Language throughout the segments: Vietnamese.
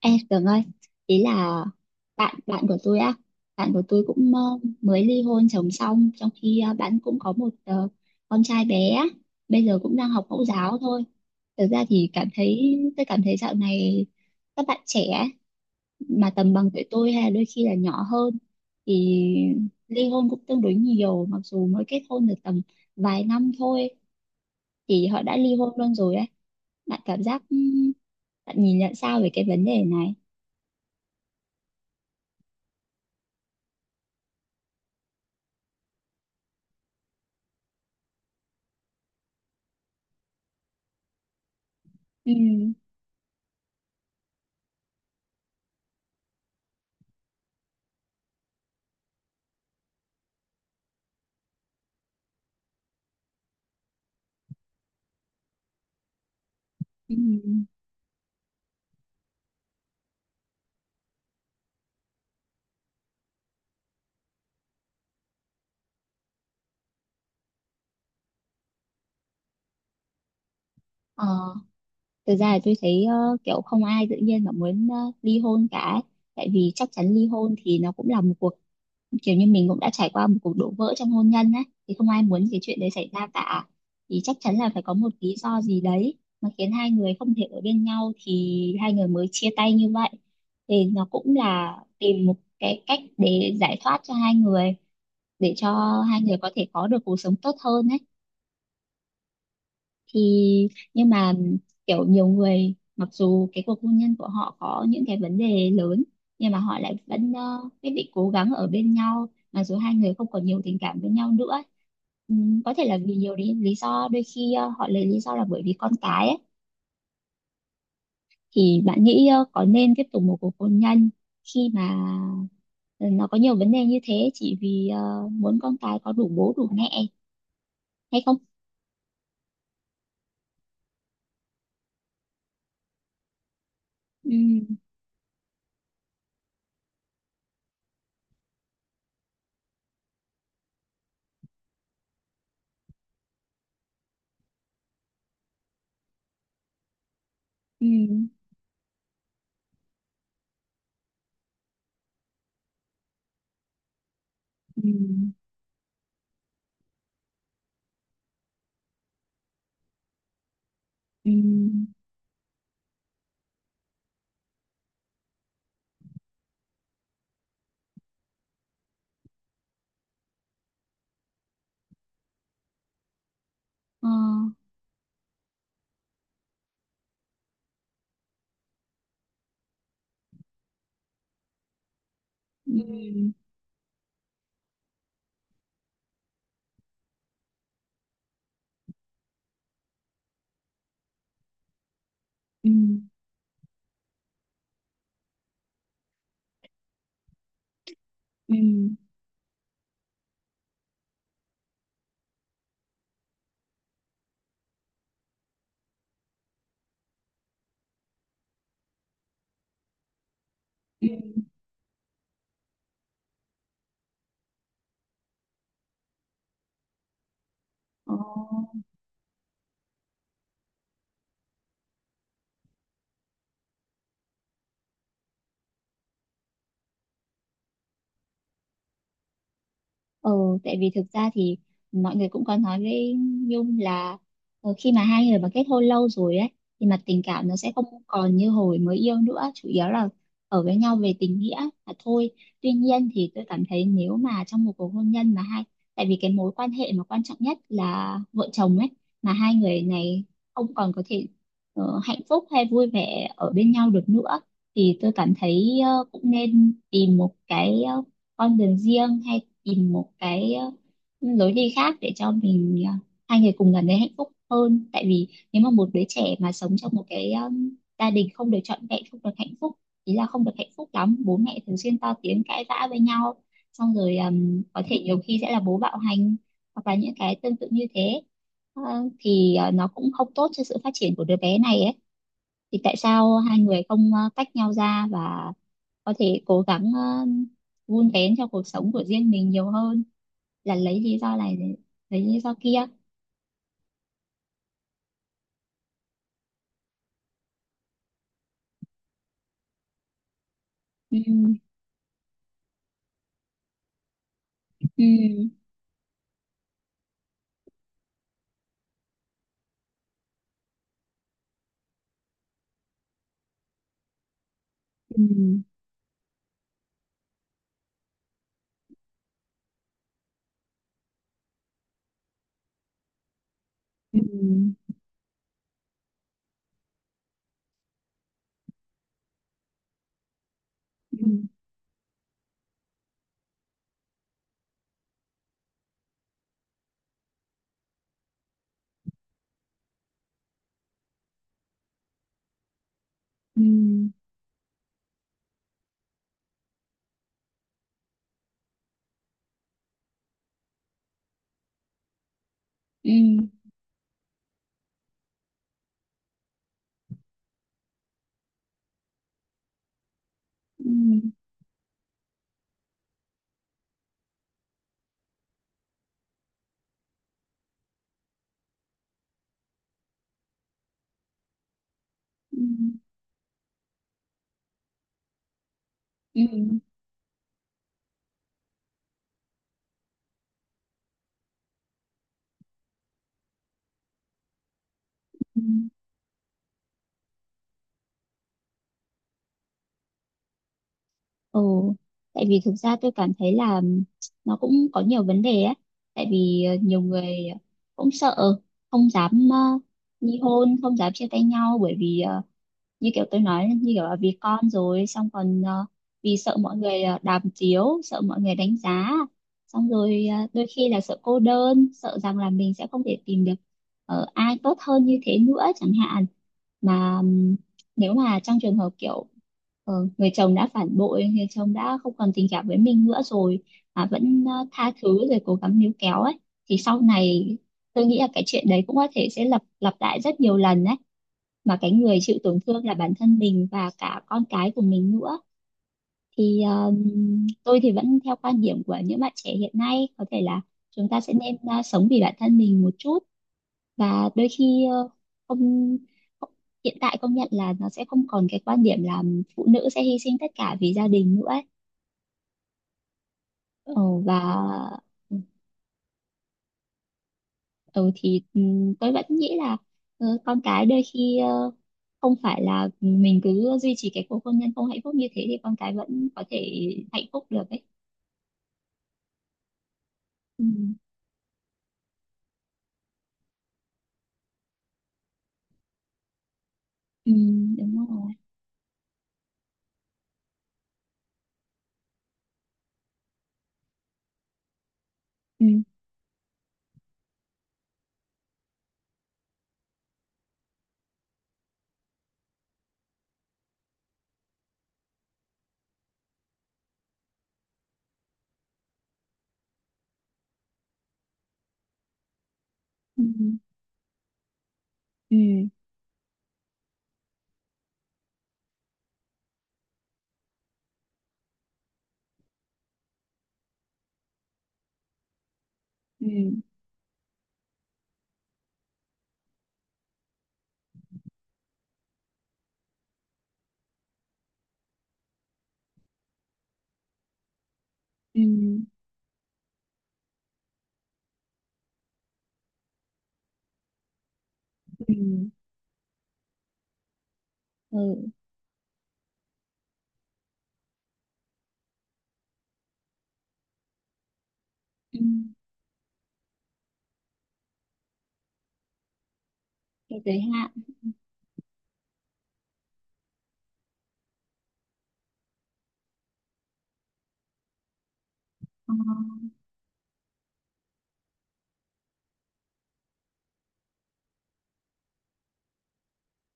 Ê, Tường ơi, ý là bạn bạn của tôi á, bạn của tôi cũng mới ly hôn chồng xong, trong khi bạn cũng có một con trai bé á, bây giờ cũng đang học mẫu giáo thôi. Thực ra thì cảm thấy Tôi cảm thấy dạo này các bạn trẻ ấy, mà tầm bằng tuổi tôi hay là đôi khi là nhỏ hơn thì ly hôn cũng tương đối nhiều, mặc dù mới kết hôn được tầm vài năm thôi thì họ đã ly hôn luôn rồi ấy. Bạn cảm giác ừ, Bạn nhìn nhận sao về cái vấn đề này? Ừ. Ừ. Ờ. Thực ra là tôi thấy kiểu không ai tự nhiên mà muốn ly hôn cả, tại vì chắc chắn ly hôn thì nó cũng là một cuộc, kiểu như mình cũng đã trải qua một cuộc đổ vỡ trong hôn nhân á, thì không ai muốn cái chuyện đấy xảy ra cả, thì chắc chắn là phải có một lý do gì đấy mà khiến hai người không thể ở bên nhau thì hai người mới chia tay như vậy. Thì nó cũng là tìm một cái cách để giải thoát cho hai người, để cho hai người có thể có được cuộc sống tốt hơn ấy. thì nhưng mà kiểu nhiều người mặc dù cái cuộc hôn nhân của họ có những cái vấn đề lớn, nhưng mà họ lại vẫn quyết định cố gắng ở bên nhau mặc dù hai người không còn nhiều tình cảm với nhau nữa. Có thể là vì nhiều lý do, đôi khi họ lấy lý do là bởi vì con cái ấy. Thì bạn nghĩ có nên tiếp tục một cuộc hôn nhân khi mà ờ, nó có nhiều vấn đề như thế chỉ vì muốn con cái có đủ bố đủ mẹ hay không? Ừm. Ừm. Ừm. Ừm. Ờ. Ừ. Ừ. Ừ. Ừ. Ồ. Ừ, tại vì thực ra thì mọi người cũng có nói với Nhung là khi mà hai người mà kết hôn lâu rồi ấy thì mặt tình cảm nó sẽ không còn như hồi mới yêu nữa, chủ yếu là ở với nhau về tình nghĩa là thôi. Tuy nhiên thì tôi cảm thấy nếu mà trong một cuộc hôn nhân mà hai, tại vì cái mối quan hệ mà quan trọng nhất là vợ chồng ấy, mà hai người này không còn có thể hạnh phúc hay vui vẻ ở bên nhau được nữa, thì tôi cảm thấy cũng nên tìm một cái con đường riêng hay tìm một cái lối đi khác để cho mình hai người cùng gần thấy hạnh phúc hơn. Tại vì nếu mà một đứa trẻ mà sống trong một cái gia đình không được trọn vẹn, không được hạnh phúc, ý là không được hạnh phúc lắm, bố mẹ thường xuyên to tiếng cãi vã với nhau, xong rồi có thể nhiều khi sẽ là bố bạo hành hoặc là những cái tương tự như thế. Ờ, thì nó cũng không tốt cho sự phát triển của đứa bé này ấy. Thì tại sao hai người không tách nhau ra và có thể cố gắng vun vén cho cuộc sống của riêng mình nhiều hơn là lấy lý do này để lấy lý do kia. Ừ. Ừ. Ừ. Ừ. Ừ. Ừ. Ừ. Ừ. Ừ. Ừ. Ừ. Ồ, tại vì thực ra tôi cảm thấy là nó cũng có nhiều vấn đề ấy. Tại vì nhiều người cũng sợ, không dám ly hôn, không dám chia tay nhau, bởi vì như kiểu tôi nói, như kiểu là vì con, rồi xong còn vì sợ mọi người đàm tiếu, sợ mọi người đánh giá, xong rồi đôi khi là sợ cô đơn, sợ rằng là mình sẽ không thể tìm được ai tốt hơn như thế nữa chẳng hạn. Mà nếu mà trong trường hợp kiểu người chồng đã phản bội, người chồng đã không còn tình cảm với mình nữa rồi mà vẫn tha thứ rồi cố gắng níu kéo ấy, thì sau này tôi nghĩ là cái chuyện đấy cũng có thể sẽ lặp lặp lại rất nhiều lần đấy, mà cái người chịu tổn thương là bản thân mình và cả con cái của mình nữa. Thì Tôi thì vẫn theo quan điểm của những bạn trẻ hiện nay, có thể là chúng ta sẽ nên sống vì bản thân mình một chút. Và đôi khi không không- hiện tại công nhận là nó sẽ không còn cái quan điểm là phụ nữ sẽ hy sinh tất cả vì gia đình nữa ấy. Ờ, và ừ. Ừ thì tôi vẫn nghĩ là con cái đôi khi không phải là mình cứ duy trì cái cuộc hôn nhân không hạnh phúc như thế thì con cái vẫn có thể hạnh phúc được ấy. Ừ. Ừ, đúng rồi. Ừ. Ừ. Ừ. Ừ. Ừ. Ừ. Ừ. Ừ. Cái giới hạn. Ờ.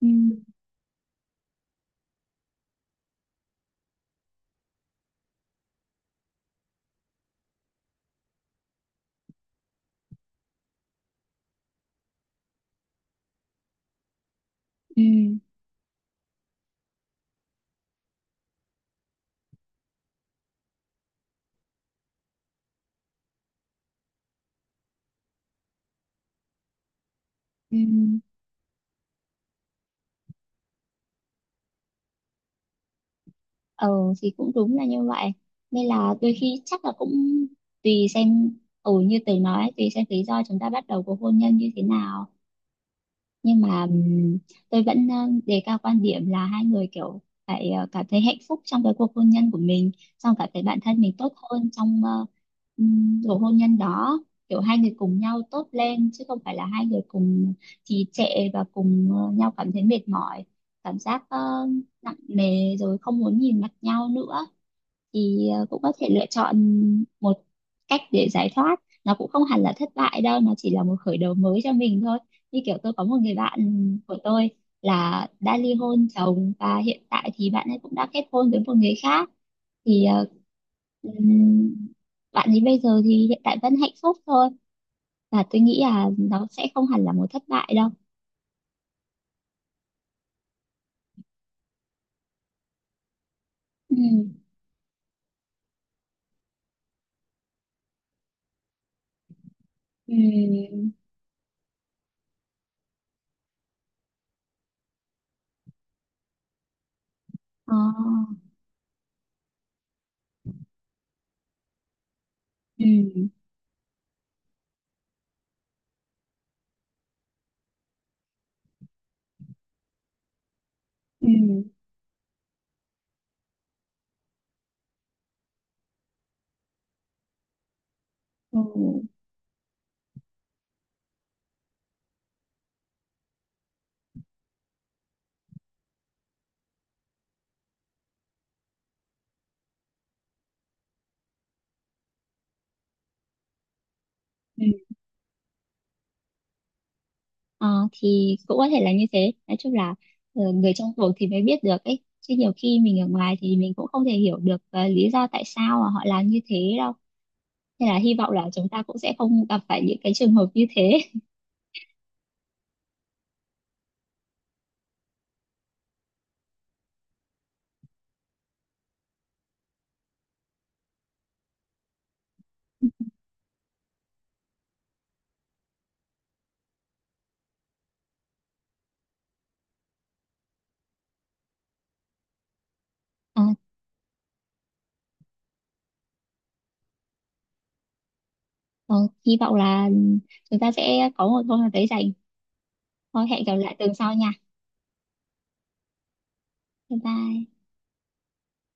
Ừ. Ừ. Ừ. Ờ thì cũng đúng là như vậy, nên là đôi khi chắc là cũng tùy xem, ừ như tớ nói, tùy xem lý do chúng ta bắt đầu cuộc hôn nhân như thế nào. Nhưng mà tôi vẫn đề cao quan điểm là hai người kiểu phải cảm thấy hạnh phúc trong cái cuộc hôn nhân của mình, xong cảm thấy bản thân mình tốt hơn trong cuộc hôn nhân đó. Kiểu hai người cùng nhau tốt lên chứ không phải là hai người cùng trì trệ và cùng nhau cảm thấy mệt mỏi, cảm giác nặng nề rồi không muốn nhìn mặt nhau nữa, thì cũng có thể lựa chọn một cách để giải thoát. Nó cũng không hẳn là thất bại đâu, nó chỉ là một khởi đầu mới cho mình thôi. Như kiểu tôi có một người bạn của tôi là đã ly hôn chồng, và hiện tại thì bạn ấy cũng đã kết hôn với một người khác, thì ừm, bạn ấy bây giờ thì hiện tại vẫn hạnh phúc thôi, và tôi nghĩ là nó sẽ không hẳn là một thất bại đâu. Ừ. Ừ. Ờ. Ừ. Ừ. Ừ. Ừ. Ờ, thì cũng có thể là như thế. Nói chung là người trong cuộc thì mới biết được ấy, chứ nhiều khi mình ở ngoài thì mình cũng không thể hiểu được lý do tại sao mà họ làm như thế đâu. Nên là hy vọng là chúng ta cũng sẽ không gặp phải những cái trường hợp như thế. Ờ, ờ, hy vọng là ừ, chúng ta sẽ có một hôm nào đấy rảnh. Thôi, hẹn gặp lại tuần sau nha. Bye bye.